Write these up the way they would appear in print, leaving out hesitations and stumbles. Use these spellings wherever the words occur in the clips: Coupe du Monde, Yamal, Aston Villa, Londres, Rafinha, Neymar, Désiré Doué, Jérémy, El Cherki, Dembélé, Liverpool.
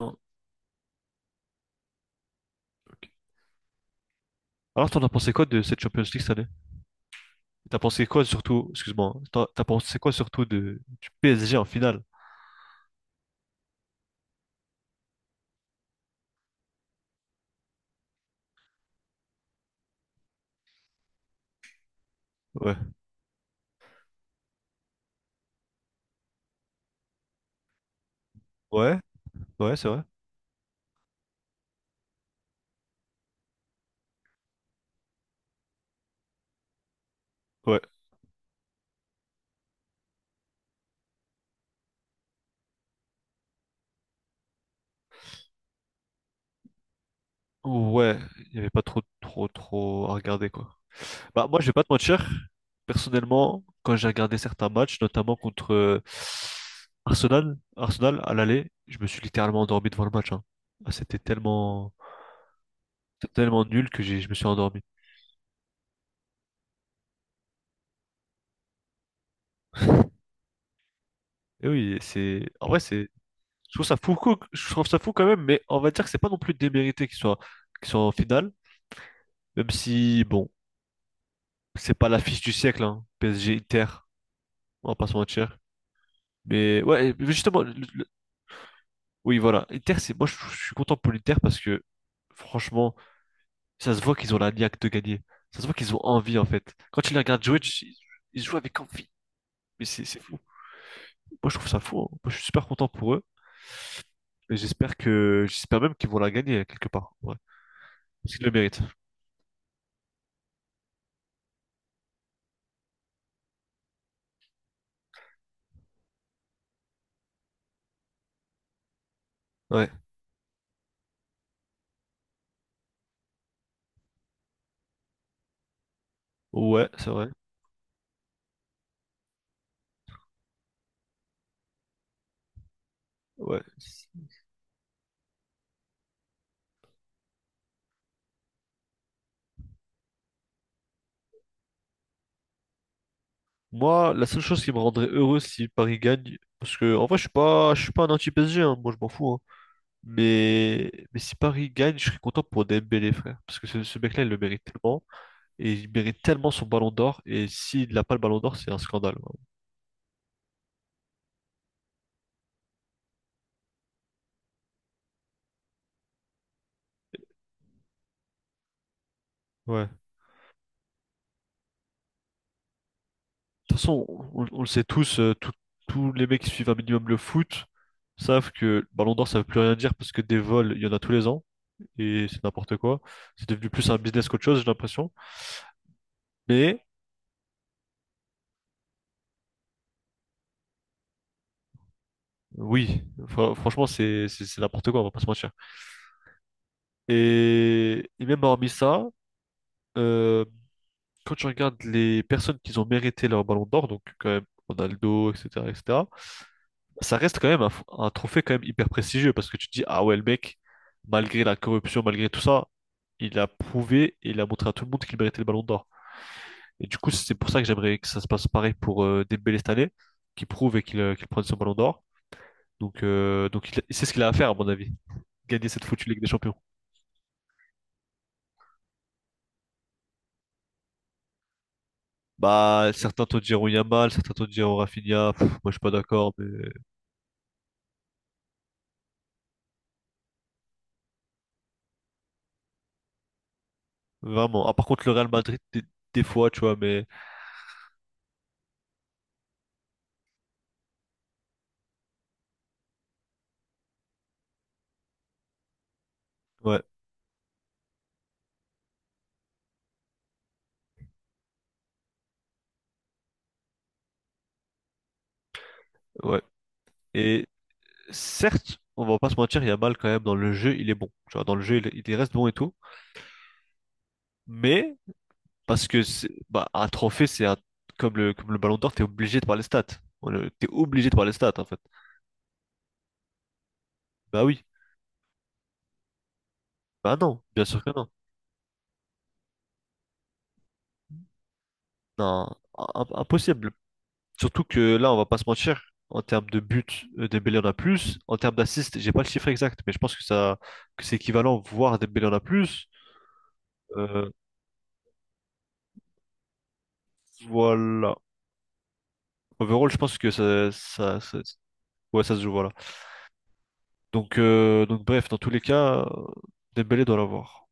Non. OK. Alors, t'en as pensé quoi de cette Champions League cette année? T'as pensé quoi surtout, excuse-moi, hein, t'as pensé quoi surtout de, du PSG en finale? Ouais, ouais, ouais, c'est vrai. Ouais, ouais, il n'y avait pas trop, trop, trop à regarder quoi. Bah, moi, je vais pas te mentir. Personnellement, quand j'ai regardé certains matchs, notamment contre Arsenal, Arsenal à l'aller, je me suis littéralement endormi devant le match, hein. Ah, c'était tellement, c'était tellement nul que je me suis endormi. Et oui, c'est, en vrai, c'est. Je trouve ça fou, je trouve ça fou quand même, mais on va dire que c'est pas non plus démérité qu'ils soient en finale, même si, bon, c'est pas l'affiche du siècle, hein, PSG Inter, on va pas se mentir. Mais ouais, mais justement, oui, voilà, Inter, moi je suis content pour l'Inter parce que, franchement, ça se voit qu'ils ont la niaque de gagner. Ça se voit qu'ils ont envie en fait. Quand tu les regardes jouer, ils jouent avec envie, mais c'est fou. Moi je trouve ça fou, hein. Moi je suis super content pour eux, et j'espère même qu'ils vont la gagner quelque part, ouais, parce qu'ils le méritent. Ouais. Ouais, c'est vrai. Ouais. Moi, la seule chose qui me rendrait heureux si Paris gagne, parce que en vrai, je suis pas un anti-PSG, hein, moi je m'en fous, hein. Mais si Paris gagne, je serais content pour Dembélé, frère, parce que ce mec-là, il le mérite tellement, et il mérite tellement son ballon d'or, et s'il n'a pas le ballon d'or, c'est un scandale, vraiment. Ouais. De toute façon, on le sait tous, tous les mecs qui suivent un minimum le foot savent que le ballon d'or, ça veut plus rien dire parce que des vols, il y en a tous les ans, et c'est n'importe quoi. C'est devenu plus un business qu'autre chose, j'ai l'impression. Mais. Oui, franchement, c'est n'importe quoi, on va pas se mentir. Et même hormis ça, euh, quand tu regardes les personnes qui ont mérité leur ballon d'or, donc quand même Ronaldo, etc., etc., ça reste quand même un trophée quand même hyper prestigieux parce que tu te dis, ah ouais, le mec, malgré la corruption, malgré tout ça, il a prouvé et il a montré à tout le monde qu'il méritait le ballon d'or. Et du coup, c'est pour ça que j'aimerais que ça se passe pareil pour Dembélé cette année, qui prouve et qu'il prenne son ballon d'or. Donc c'est ce qu'il a à faire, à mon avis, gagner cette foutue Ligue des Champions. Bah, certains te diront Yamal, certains te diront Rafinha. Pff, moi, je suis pas d'accord, mais vraiment. Ah, par contre, le Real Madrid, des fois, tu vois, mais ouais, ouais. Et certes, on va pas se mentir, Yamal, quand même, dans le jeu, il est bon. Tu vois, dans le jeu, il reste bon et tout. Mais, parce que c'est, bah, un trophée, c'est un, comme le Ballon d'Or, t'es obligé de voir les stats. T'es obligé de voir les stats, en fait. Bah oui. Bah non, bien sûr que non. Non, impossible. Surtout que là, on va pas se mentir, en termes de buts, Dembélé en a plus. En termes d'assists, j'ai pas le chiffre exact, mais je pense que ça, que c'est équivalent, voire Dembélé en a plus. Euh, voilà. Overall, je pense que ouais, ça se joue, voilà. Donc bref, dans tous les cas, Dembélé doit l'avoir.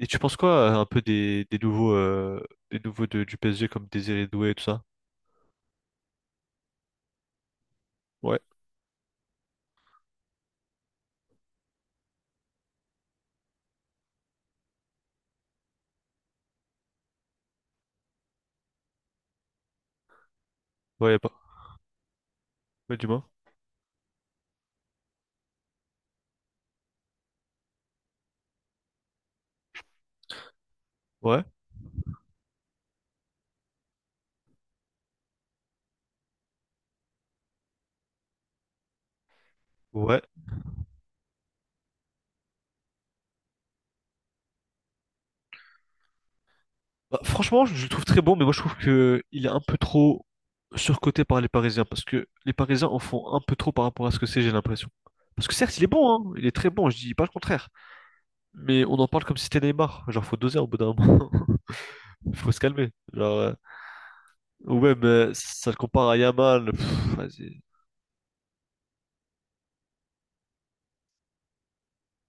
Et tu penses quoi un peu des nouveaux du PSG comme Désiré Doué et tout ça? Ouais, ouais, y a pas. Ouais, dis-moi. Ouais, ouais. Bah, franchement, je le trouve très bon, mais moi je trouve que il est un peu trop surcoté par les Parisiens, parce que les Parisiens en font un peu trop par rapport à ce que c'est, j'ai l'impression. Parce que certes, il est bon, hein, il est très bon, je dis pas le contraire, mais on en parle comme si c'était Neymar. Genre, faut doser au bout d'un moment, faut se calmer. Ou même, ça le compare à Yamal. Pff, vas-y.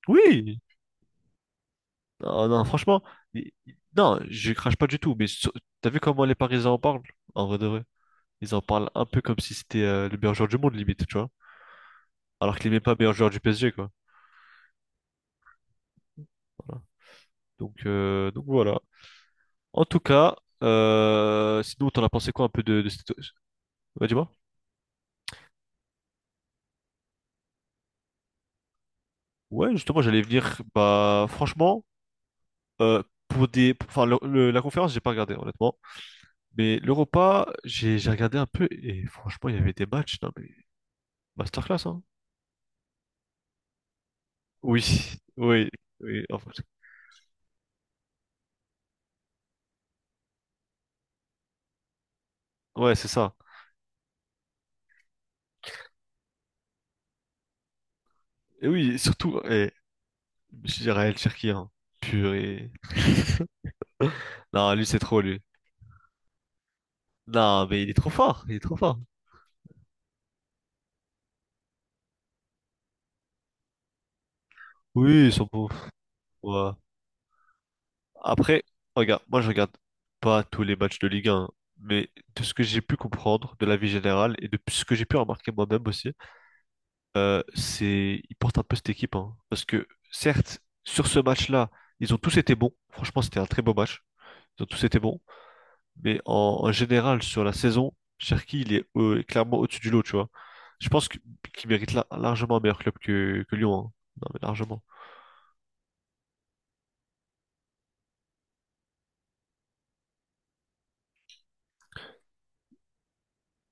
Oui, non, non, franchement, non, je crache pas du tout, mais t'as vu comment les Parisiens en parlent, en vrai de vrai? Ils en parlent un peu comme si c'était le meilleur joueur du monde, limite, tu vois. Alors qu'il est même pas meilleur joueur du PSG, quoi. Voilà. Donc voilà. En tout cas, sinon, t'en as pensé quoi un peu de cette... Bah, dis-moi. Ouais, justement, j'allais venir. Bah, franchement, euh, pour enfin, la conférence, j'ai pas regardé, honnêtement. Mais l'Europa, j'ai regardé un peu et franchement, il y avait des matchs, non, mais masterclass, hein. Oui, oui, oui, en fait. Ouais, c'est ça. Et oui, surtout, et, je dirais El Cherki, hein. Purée. Non, lui, c'est trop, lui. Non, mais il est trop fort, il est trop fort. Oui, ils sont beaux. Après, regarde, moi je regarde pas tous les matchs de Ligue 1, mais de ce que j'ai pu comprendre de la vie générale et de ce que j'ai pu remarquer moi-même aussi, c'est ils portent un peu cette équipe, hein, parce que certes, sur ce match-là, ils ont tous été bons. Franchement, c'était un très beau match. Ils ont tous été bons, mais en général sur la saison, Cherki il est clairement au-dessus du lot, tu vois. Je pense qu'il mérite largement un meilleur club que Lyon, hein. Non mais largement.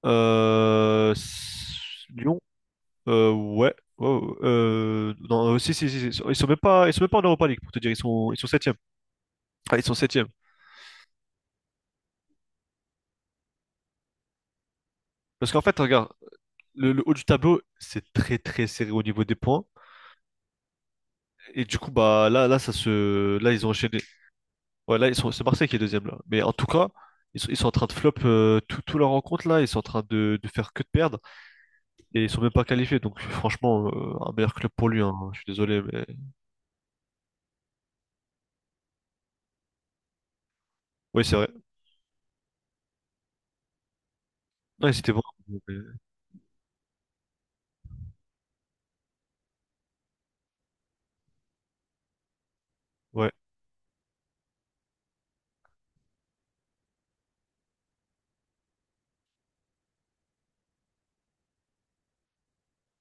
Lyon. Ouais. Oh, non, si, si, si, si. Ils sont même pas en Europa League, pour te dire. Ils sont septième. Ah, ils sont septième. Parce qu'en fait, regarde, le haut du tableau, c'est très très serré au niveau des points. Et du coup, bah là, ça se. Là, ils ont enchaîné. Ouais, là, ils sont. C'est Marseille qui est deuxième là. Mais en tout cas, ils sont en train de flop tout leur rencontre là. Ils sont en train de faire que de perdre. Et ils sont même pas qualifiés. Donc franchement, un meilleur club pour lui, hein. Je suis désolé, mais. Oui, c'est vrai. Non, ils étaient bons. Mais-. Ouais.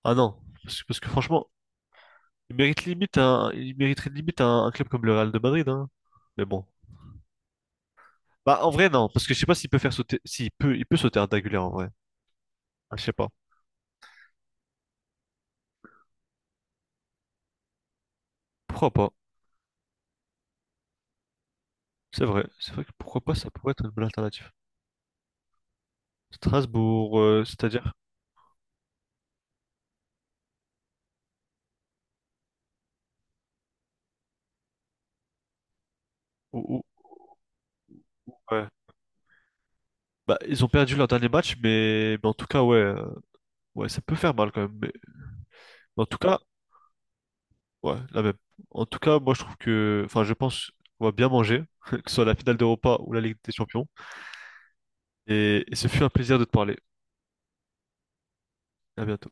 Ah non. Parce que franchement, il mériterait limite un club comme le Real de Madrid, hein. Mais bon. Bah, en vrai, non, parce que je sais pas s'il peut faire sauter, s'il peut, il peut sauter un Dagulé en vrai. Ah, je sais pas. Pourquoi pas? C'est vrai. C'est vrai que pourquoi pas, ça pourrait être une bonne alternative. Strasbourg, c'est-à-dire? Ou- ou- ouais. Bah, ils ont perdu leur dernier match, mais en tout cas, ouais, ouais, ça peut faire mal quand même. Mais en tout cas, ouais, la même. En tout cas, moi, je trouve que, enfin, je pense qu'on va bien manger, que ce soit la finale d'Europa ou la Ligue des Champions. Et ce fut un plaisir de te parler. À bientôt.